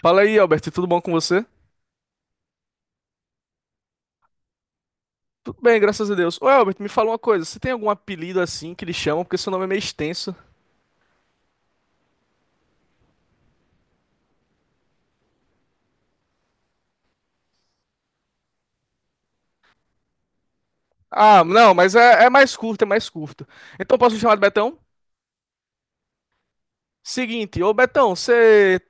Fala aí, Albert, tudo bom com você? Tudo bem, graças a Deus. Ô, Albert, me fala uma coisa, você tem algum apelido assim que lhe chamam? Porque seu nome é meio extenso. Ah, não, mas é mais curto, é mais curto. Então posso me chamar de Betão? Seguinte, ô Betão, você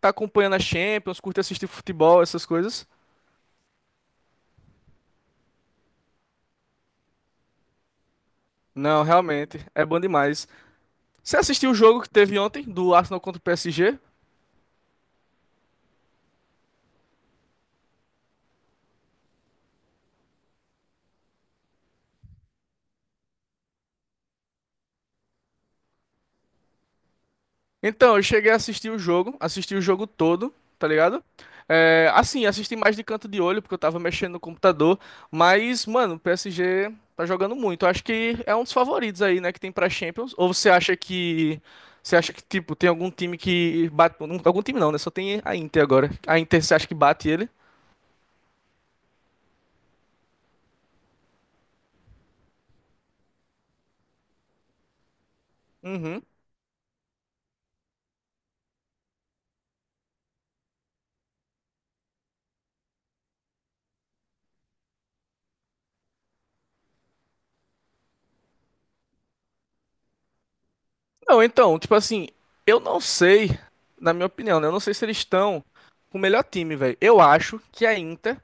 tá acompanhando a Champions, curte assistir futebol, essas coisas? Não, realmente, é bom demais. Você assistiu o jogo que teve ontem do Arsenal contra o PSG? Então, eu cheguei a assistir o jogo, assisti o jogo todo, tá ligado? É, assim, assisti mais de canto de olho, porque eu tava mexendo no computador. Mas, mano, o PSG tá jogando muito. Eu acho que é um dos favoritos aí, né, que tem pra Champions. Ou você acha que. Você acha que, tipo, tem algum time que bate. Algum time não, né? Só tem a Inter agora. A Inter, você acha que bate ele? Uhum. Não, então, tipo assim, eu não sei, na minha opinião, né? Eu não sei se eles estão com o melhor time, velho. Eu acho que a Inter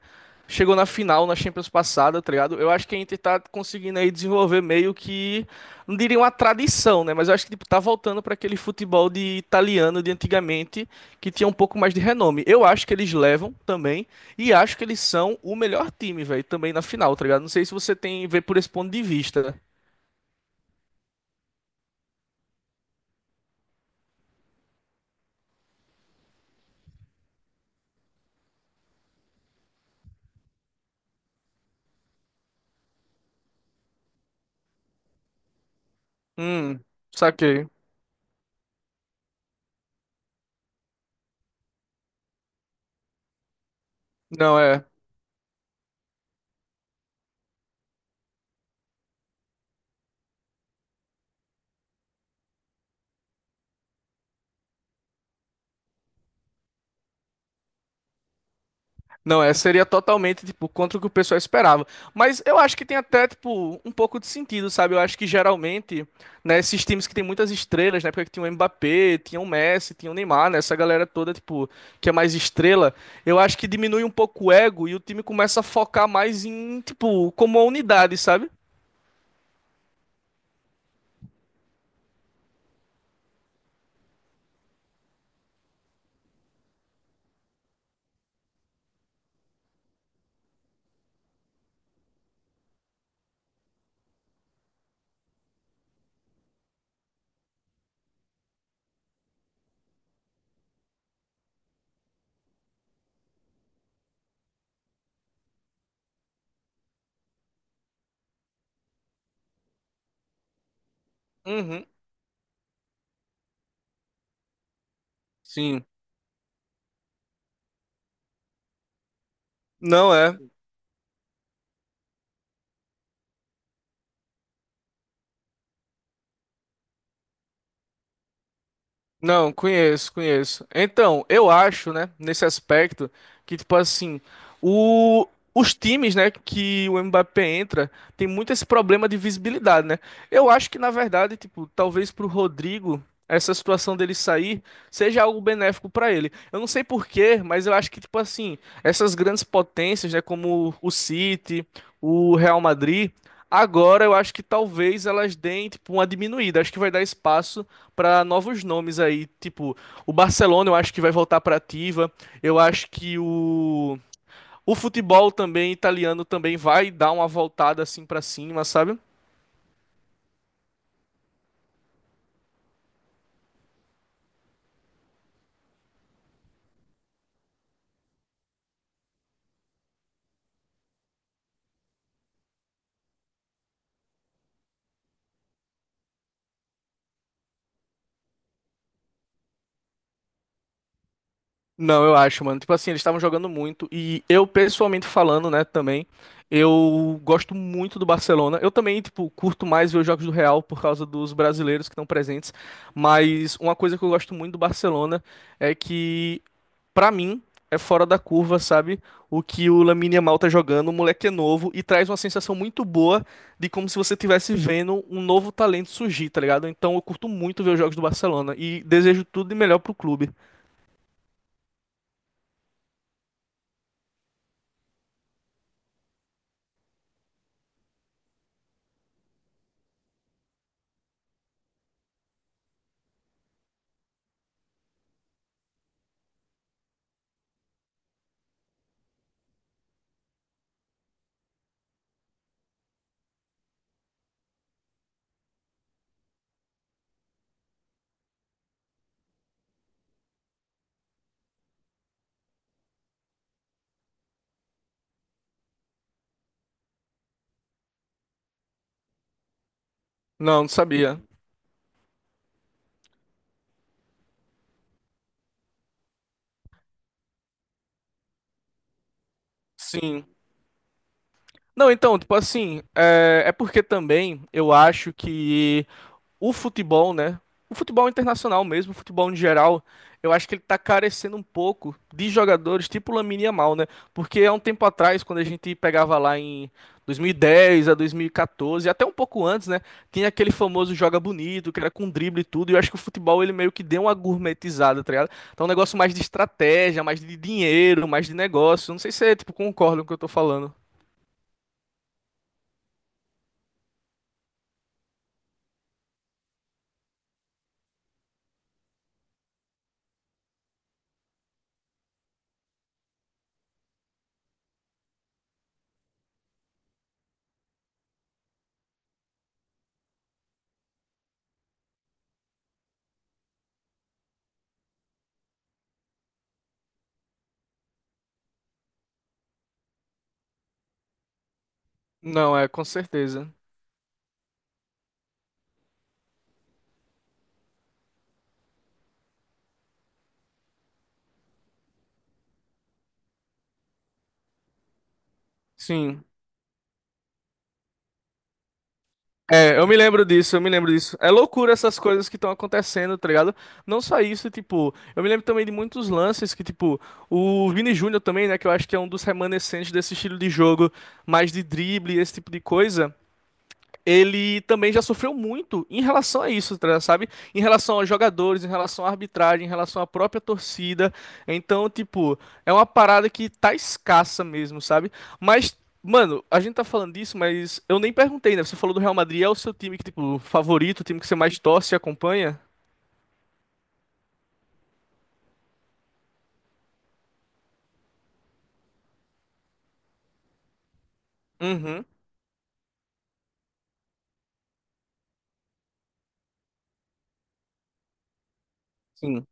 chegou na final na Champions passada, tá ligado? Eu acho que a Inter tá conseguindo aí desenvolver meio que, não diria uma tradição, né? Mas eu acho que tipo, tá voltando pra aquele futebol de italiano de antigamente, que tinha um pouco mais de renome. Eu acho que eles levam também e acho que eles são o melhor time, velho, também na final, tá ligado? Não sei se você tem vê por esse ponto de vista. Hum, saquei. Não, é. Não, é, seria totalmente, tipo, contra o que o pessoal esperava. Mas eu acho que tem até, tipo, um pouco de sentido, sabe? Eu acho que geralmente, né, esses times que tem muitas estrelas, na época que tinha o Mbappé, tinha o Messi, tinha o Neymar, né, essa galera toda, tipo, que é mais estrela, eu acho que diminui um pouco o ego e o time começa a focar mais em, tipo, como a unidade, sabe? Uhum, sim. Não é. Não, conheço, conheço. Então, eu acho, né, nesse aspecto, que, tipo assim, o, os times, né, que o Mbappé entra, tem muito esse problema de visibilidade, né? Eu acho que, na verdade, tipo, talvez pro Rodrigo, essa situação dele sair seja algo benéfico pra ele. Eu não sei por quê, mas eu acho que, tipo assim, essas grandes potências, né, como o City, o Real Madrid, agora eu acho que talvez elas deem, tipo, uma diminuída. Acho que vai dar espaço para novos nomes aí, tipo, o Barcelona eu acho que vai voltar para ativa. Eu acho que o futebol também italiano também vai dar uma voltada assim para cima, sabe? Não, eu acho, mano. Tipo assim, eles estavam jogando muito e eu pessoalmente falando, né, também, eu gosto muito do Barcelona. Eu também, tipo, curto mais ver os jogos do Real por causa dos brasileiros que estão presentes, mas uma coisa que eu gosto muito do Barcelona é que pra mim, é fora da curva, sabe? O que o Lamine Yamal tá jogando, o moleque é novo e traz uma sensação muito boa de como se você estivesse vendo um novo talento surgir, tá ligado? Então eu curto muito ver os jogos do Barcelona e desejo tudo de melhor pro clube. Não, não sabia. Sim. Não, então, tipo assim, é porque também eu acho que o futebol, né? O futebol internacional mesmo, o futebol em geral, eu acho que ele tá carecendo um pouco de jogadores tipo Lamine Yamal, né? Porque há um tempo atrás, quando a gente pegava lá em 2010 a 2014, até um pouco antes, né? Tinha aquele famoso joga bonito, que era com drible e tudo, e eu acho que o futebol ele meio que deu uma gourmetizada, tá ligado? Então um negócio mais de estratégia, mais de dinheiro, mais de negócio. Não sei se você, tipo, concorda com o que eu tô falando. Não, é, com certeza. Sim. É, eu me lembro disso, eu me lembro disso. É loucura essas coisas que estão acontecendo, tá ligado? Não só isso, tipo, eu me lembro também de muitos lances que, tipo, o Vini Júnior também, né, que eu acho que é um dos remanescentes desse estilo de jogo, mais de drible, esse tipo de coisa ele também já sofreu muito em relação a isso, tá, sabe? Em relação aos jogadores, em relação à arbitragem, em relação à própria torcida. Então, tipo, é uma parada que tá escassa mesmo, sabe? Mas, mano, a gente tá falando disso, mas eu nem perguntei, né? Você falou do Real Madrid, é o seu time que, tipo, favorito, o time que você mais torce e acompanha? Uhum. Sim.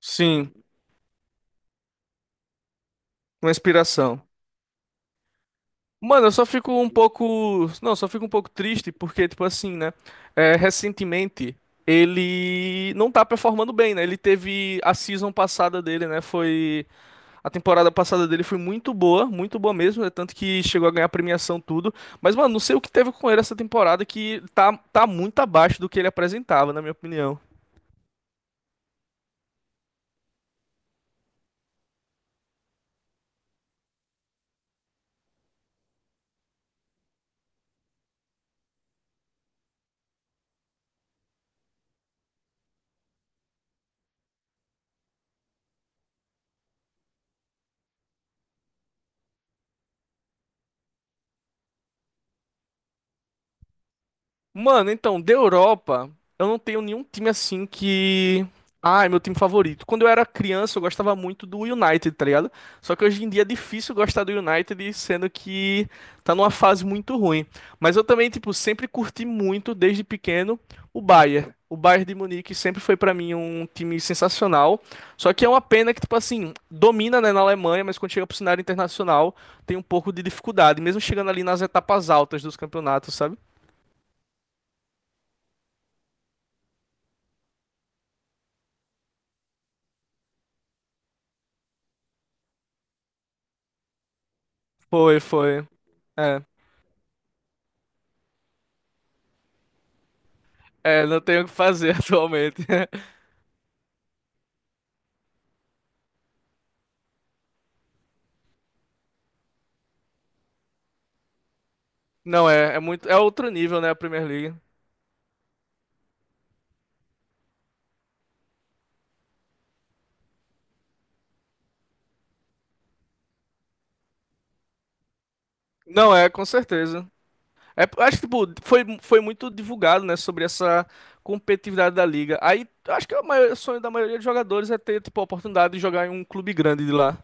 Sim, uma inspiração. Mano, eu só fico um pouco. Não, só fico um pouco triste porque, tipo assim, né? É, recentemente ele não tá performando bem, né? Ele teve a season passada dele, né? Foi. A temporada passada dele foi muito boa mesmo, né? Tanto que chegou a ganhar premiação, tudo. Mas, mano, não sei o que teve com ele essa temporada que tá muito abaixo do que ele apresentava, na minha opinião. Mano, então, da Europa, eu não tenho nenhum time assim que. Ah, é meu time favorito. Quando eu era criança, eu gostava muito do United, tá ligado? Só que hoje em dia é difícil gostar do United, sendo que tá numa fase muito ruim. Mas eu também, tipo, sempre curti muito, desde pequeno, o Bayern. O Bayern de Munique sempre foi pra mim um time sensacional. Só que é uma pena que, tipo assim, domina, né, na Alemanha, mas quando chega pro cenário internacional, tem um pouco de dificuldade, mesmo chegando ali nas etapas altas dos campeonatos, sabe? Foi, foi. É. É, não tenho o que fazer atualmente. Não é, é muito, é outro nível, né, a Premier League. Não é, com certeza. É, acho que tipo, foi muito divulgado, né, sobre essa competitividade da liga. Aí, acho que o maior- o sonho da maioria dos jogadores é ter, tipo, a oportunidade de jogar em um clube grande de lá.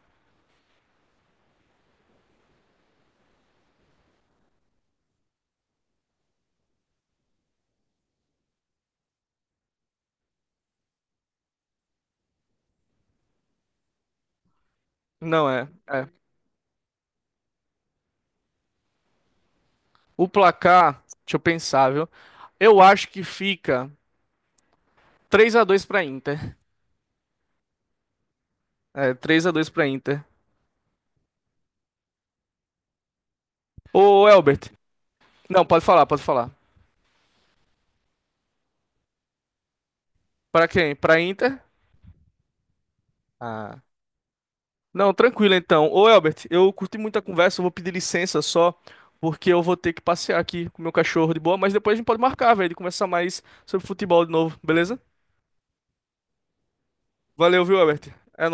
Não é, é. O placar, deixa eu pensar, viu? Eu acho que fica três a dois pra Inter. É, 3x2 pra Inter. Ô, Elbert. Não, pode falar, pode falar. Pra quem? Pra Inter? Ah. Não, tranquilo então. Ô, Elbert, eu curti muito a conversa, eu vou pedir licença só, porque eu vou ter que passear aqui com o meu cachorro de boa, mas depois a gente pode marcar, velho, de conversar mais sobre futebol de novo, beleza? Valeu, viu, Elbert? É nóis.